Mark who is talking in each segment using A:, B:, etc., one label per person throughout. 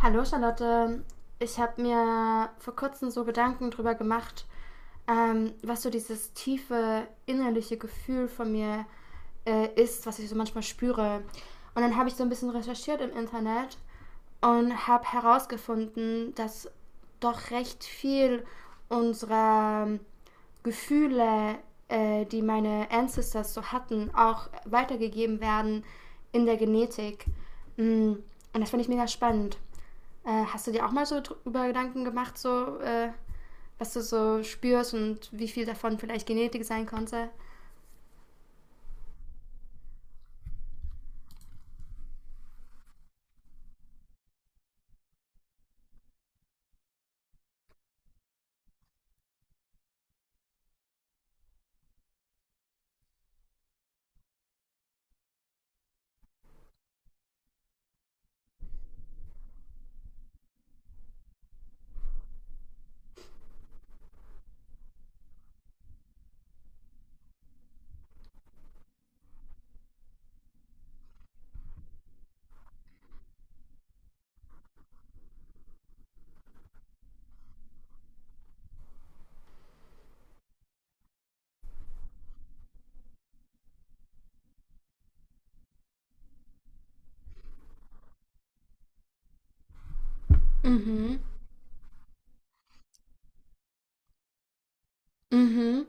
A: Hallo Charlotte, ich habe mir vor kurzem so Gedanken drüber gemacht, was so dieses tiefe innerliche Gefühl von mir ist, was ich so manchmal spüre. Und dann habe ich so ein bisschen recherchiert im Internet und habe herausgefunden, dass doch recht viel unserer Gefühle, die meine Ancestors so hatten, auch weitergegeben werden in der Genetik. Mm, Und das finde ich mega spannend. Hast du dir auch mal so über Gedanken gemacht, so was du so spürst und wie viel davon vielleicht Genetik sein konnte? Mhm. Mhm.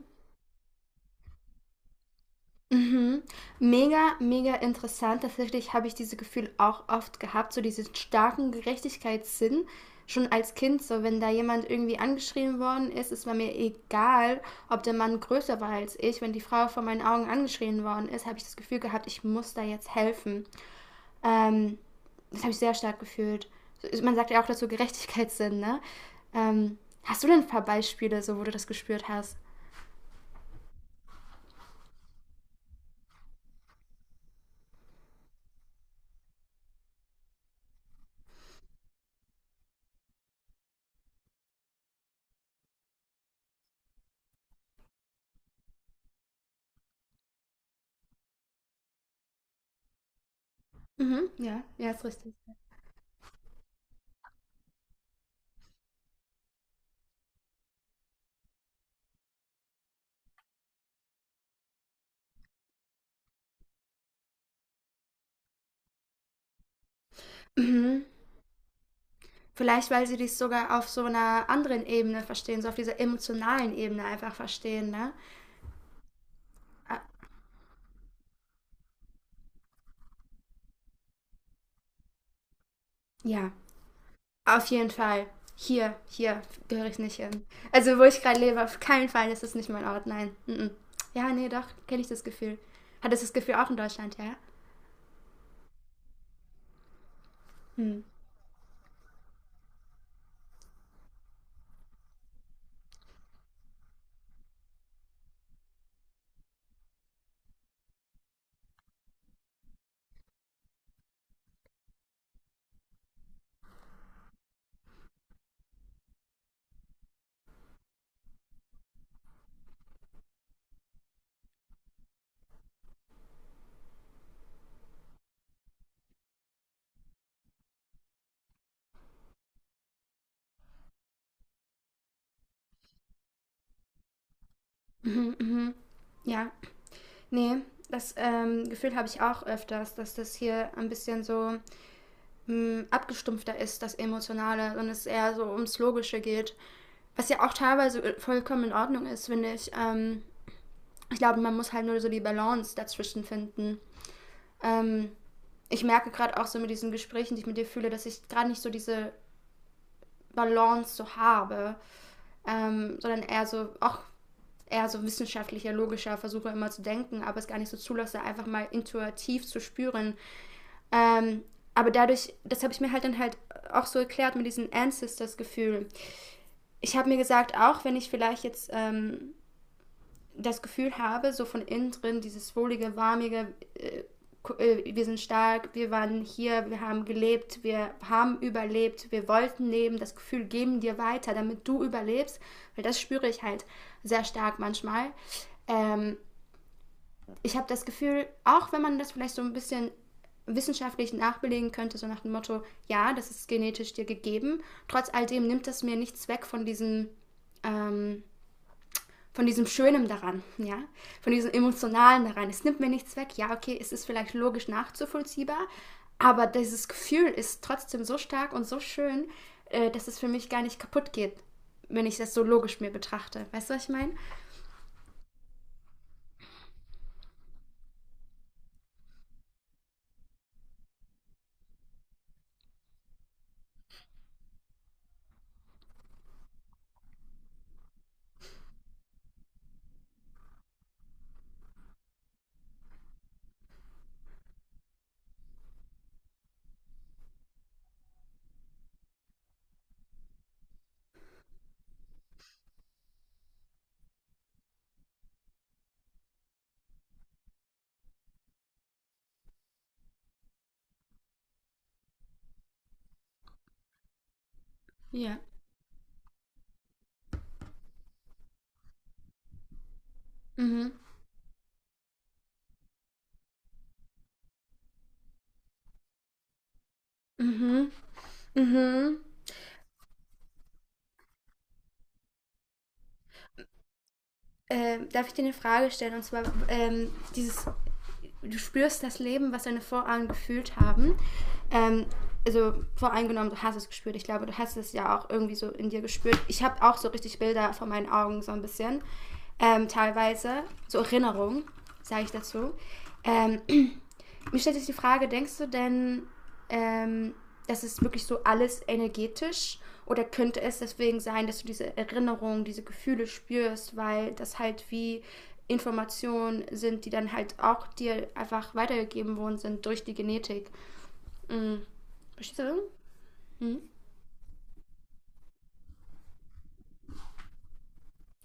A: Mhm. Mega, mega interessant. Tatsächlich habe ich dieses Gefühl auch oft gehabt, so diesen starken Gerechtigkeitssinn. Schon als Kind, so wenn da jemand irgendwie angeschrien worden ist, es war mir egal, ob der Mann größer war als ich. Wenn die Frau vor meinen Augen angeschrien worden ist, habe ich das Gefühl gehabt, ich muss da jetzt helfen. Ähm, Das habe ich sehr stark gefühlt. Man sagt ja auch dazu Gerechtigkeitssinn, ne? Ähm, hast du denn ein paar Beispiele, so wo du das gespürt hast? Mhm, ja, ja, ist richtig. Mhm. Vielleicht, weil sie dies sogar auf so einer anderen Ebene verstehen, so auf dieser emotionalen Ebene einfach verstehen, ne? Ah, ja, auf jeden Fall. Hier gehöre ich nicht hin. Also, wo ich gerade lebe, auf keinen Fall ist es nicht mein Ort, nein. Mhm. Ja, nee, doch, kenne ich das Gefühl. Hattest du das Gefühl auch in Deutschland, ja? Mhm. Mhm, mhm. Ja, ne, das Gefühl habe ich auch öfters, dass das hier ein bisschen so abgestumpfter ist, das Emotionale, und es eher so ums Logische geht. Was ja auch teilweise vollkommen in Ordnung ist, finde ich. Ich glaube, man muss halt nur so die Balance dazwischen finden. Ähm, ich merke gerade auch so mit diesen Gesprächen, die ich mit dir fühle, dass ich gerade nicht so diese Balance so habe, sondern eher so, auch eher so wissenschaftlicher, logischer versuche immer zu denken, aber es gar nicht so zulasse, einfach mal intuitiv zu spüren, Ähm, aber dadurch, das habe ich mir halt dann halt auch so erklärt mit diesem Ancestors-Gefühl. Ich habe mir gesagt, auch wenn ich vielleicht jetzt das Gefühl habe, so von innen drin, dieses wohlige, warmige, wir sind stark, wir waren hier, wir haben gelebt, wir haben überlebt, wir wollten leben, das Gefühl geben dir weiter, damit du überlebst, weil das spüre ich halt sehr stark manchmal. Ähm, ich habe das Gefühl, auch wenn man das vielleicht so ein bisschen wissenschaftlich nachbelegen könnte, so nach dem Motto, ja, das ist genetisch dir gegeben, trotz all dem nimmt das mir nichts weg ähm, von diesem Schönen daran, ja, von diesem Emotionalen daran. Es nimmt mir nichts weg, ja, okay, es ist vielleicht logisch nachzuvollziehbar, aber dieses Gefühl ist trotzdem so stark und so schön, dass es für mich gar nicht kaputt geht, wenn ich das so logisch mir betrachte. Weißt du, was ich meine? Ja. Mhm. Mhm. Mhm. Darf ich dir eine Frage stellen? Und zwar, dieses, du spürst das Leben, was deine Vorahnen gefühlt haben. Ähm, also voreingenommen, du hast es gespürt. Ich glaube, du hast es ja auch irgendwie so in dir gespürt. Ich habe auch so richtig Bilder vor meinen Augen, so ein bisschen. Teilweise, so Erinnerungen, sage ich dazu. Ähm, Mir stellt sich die Frage, denkst du denn, ähm, das ist wirklich so alles energetisch? Oder könnte es deswegen sein, dass du diese Erinnerungen, diese Gefühle spürst, weil das halt wie Informationen sind, die dann halt auch dir einfach weitergegeben worden sind durch die Genetik? Mhm. Verstehst du? Mhm.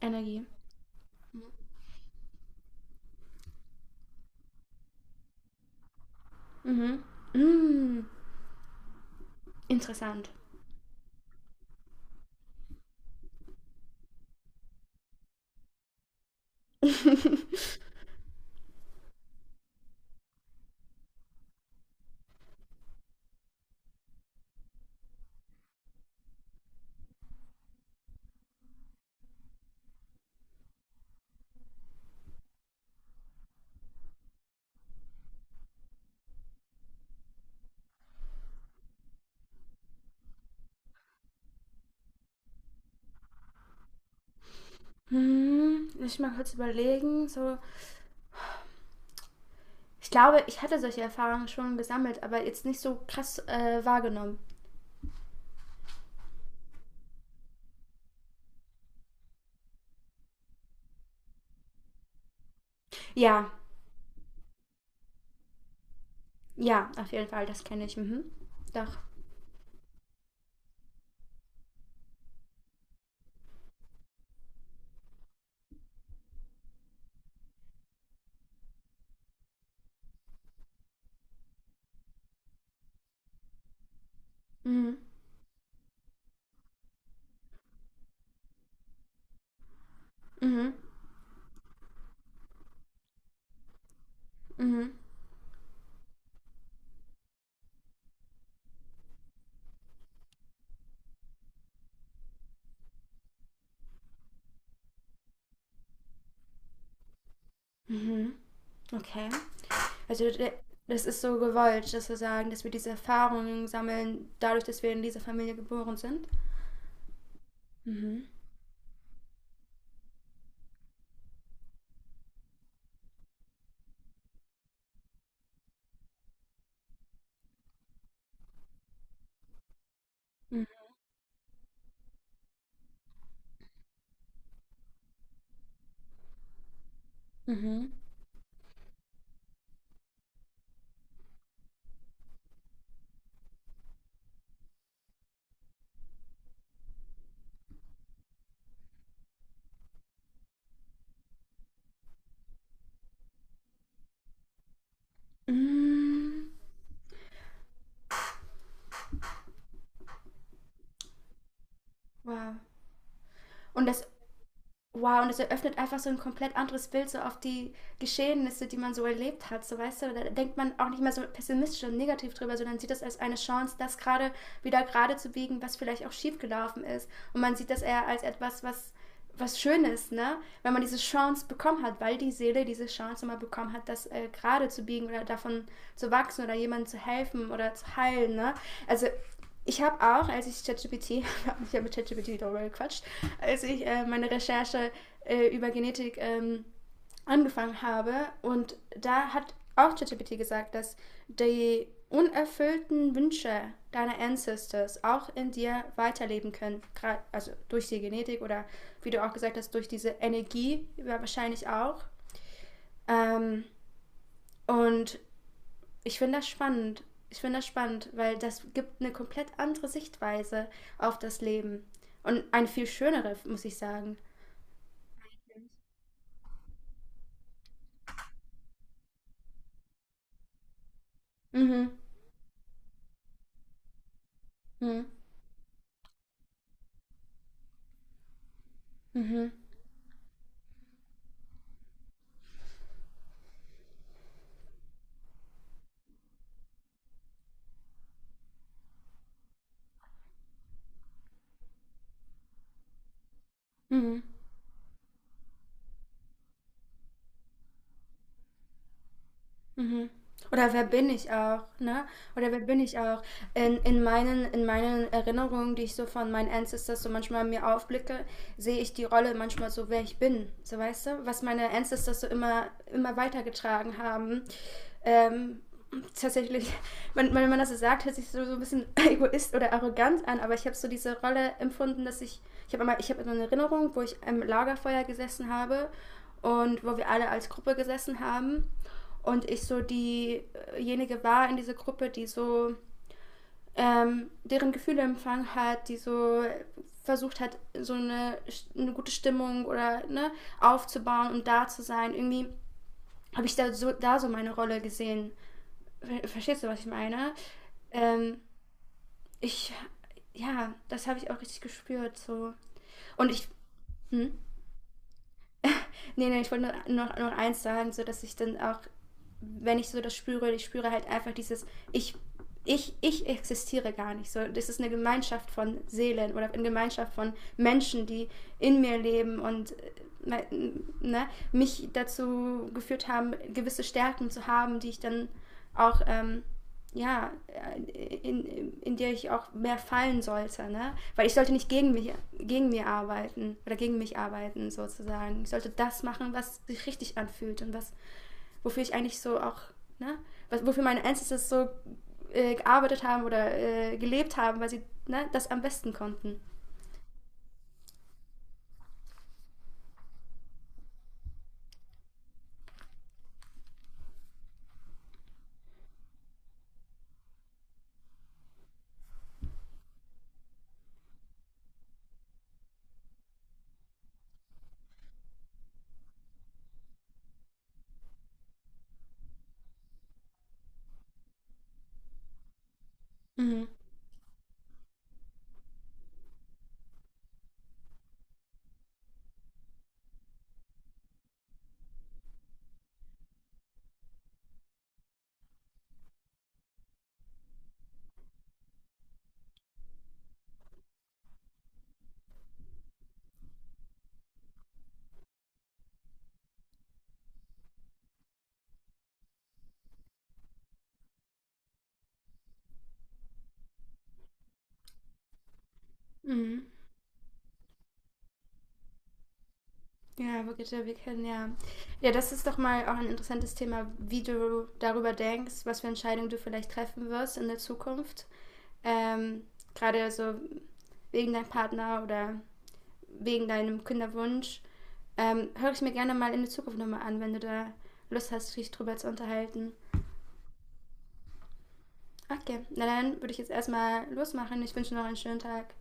A: Energie. Mhm. Mhm. Mm. Interessant. Lass ich mal kurz überlegen. So, ich glaube, ich hatte solche Erfahrungen schon gesammelt, aber jetzt nicht so krass wahrgenommen. Ja, ja, auf jeden Fall, das kenne ich. Mhm. Doch. Mhm. Mhm. Mhm. Mhm. Okay. Also das ist so gewollt, dass wir sagen, dass wir diese Erfahrungen sammeln, dadurch, dass wir in dieser Familie geboren sind. Mhm. Mhm. Mhm. Mhm. Wow. Und das wow, und es eröffnet einfach so ein komplett anderes Bild so auf die Geschehnisse, die man so erlebt hat. So, weißt du, da denkt man auch nicht mehr so pessimistisch und negativ drüber, sondern sieht das als eine Chance, das gerade wieder gerade zu biegen, was vielleicht auch schief gelaufen ist. Und man sieht das eher als etwas, was Schönes, ne? Wenn man diese Chance bekommen hat, weil die Seele diese Chance mal bekommen hat, das gerade zu biegen oder davon zu wachsen oder jemandem zu helfen oder zu heilen, ne? Also ich habe auch, ich habe mit ChatGPT darüber gequatscht, als ich meine Recherche über Genetik angefangen habe und da hat auch ChatGPT gesagt, dass die unerfüllten Wünsche deiner Ancestors auch in dir weiterleben können, grad, also durch die Genetik oder wie du auch gesagt hast, durch diese Energie ja, wahrscheinlich auch. Ähm, und ich finde das spannend. Ich finde das spannend, weil das gibt eine komplett andere Sichtweise auf das Leben. Und eine viel schönere, muss ich sagen. Mhm. Mhm. Mhm. Mhm. Mhm. Oder wer bin ich auch, ne? Oder wer bin ich auch? In meinen Erinnerungen, die ich so von meinen Ancestors so manchmal mir aufblicke, sehe ich die Rolle manchmal so, wer ich bin. So weißt du, was meine Ancestors so immer, immer weitergetragen haben. Ähm, tatsächlich, wenn man das so sagt, hört sich so, ein bisschen egoist oder arrogant an, aber ich habe so diese Rolle empfunden, dass ich habe einmal, ich habe so eine Erinnerung, wo ich am Lagerfeuer gesessen habe und wo wir alle als Gruppe gesessen haben und ich so diejenige war in dieser Gruppe, die so deren Gefühle empfangen hat, die so versucht hat, so eine gute Stimmung oder ne, aufzubauen und da zu sein. Irgendwie habe ich da so meine Rolle gesehen. Verstehst du, was ich meine? Ähm, ich, ja, das habe ich auch richtig gespürt. So. Und ich, hm? Nee, nee, ich wollte nur noch eins sagen, so dass ich dann auch, wenn ich so das spüre, ich spüre halt einfach dieses, ich, ich existiere gar nicht. So, das ist eine Gemeinschaft von Seelen oder eine Gemeinschaft von Menschen, die in mir leben und äh, ne, mich dazu geführt haben, gewisse Stärken zu haben, die ich dann auch ja, in der ich auch mehr fallen sollte, ne? Weil ich sollte nicht gegen mich, gegen mir arbeiten oder gegen mich arbeiten sozusagen. Ich sollte das machen, was sich richtig anfühlt und was, wofür ich eigentlich so auch, ne? Was, wofür meine Ancestors so gearbeitet haben oder gelebt haben, weil sie ne, das am besten konnten. Mhm. Mhm. Ja, Brigitte, wir kennen ja. Ja, das ist doch mal auch ein interessantes Thema, wie du darüber denkst, was für Entscheidungen du vielleicht treffen wirst in der Zukunft ähm, gerade so wegen deinem Partner oder wegen deinem Kinderwunsch, höre ich mir gerne mal in der Zukunft nochmal an, wenn du da Lust hast, dich drüber zu unterhalten. Okay, na dann würde ich jetzt erstmal losmachen. Ich wünsche noch einen schönen Tag.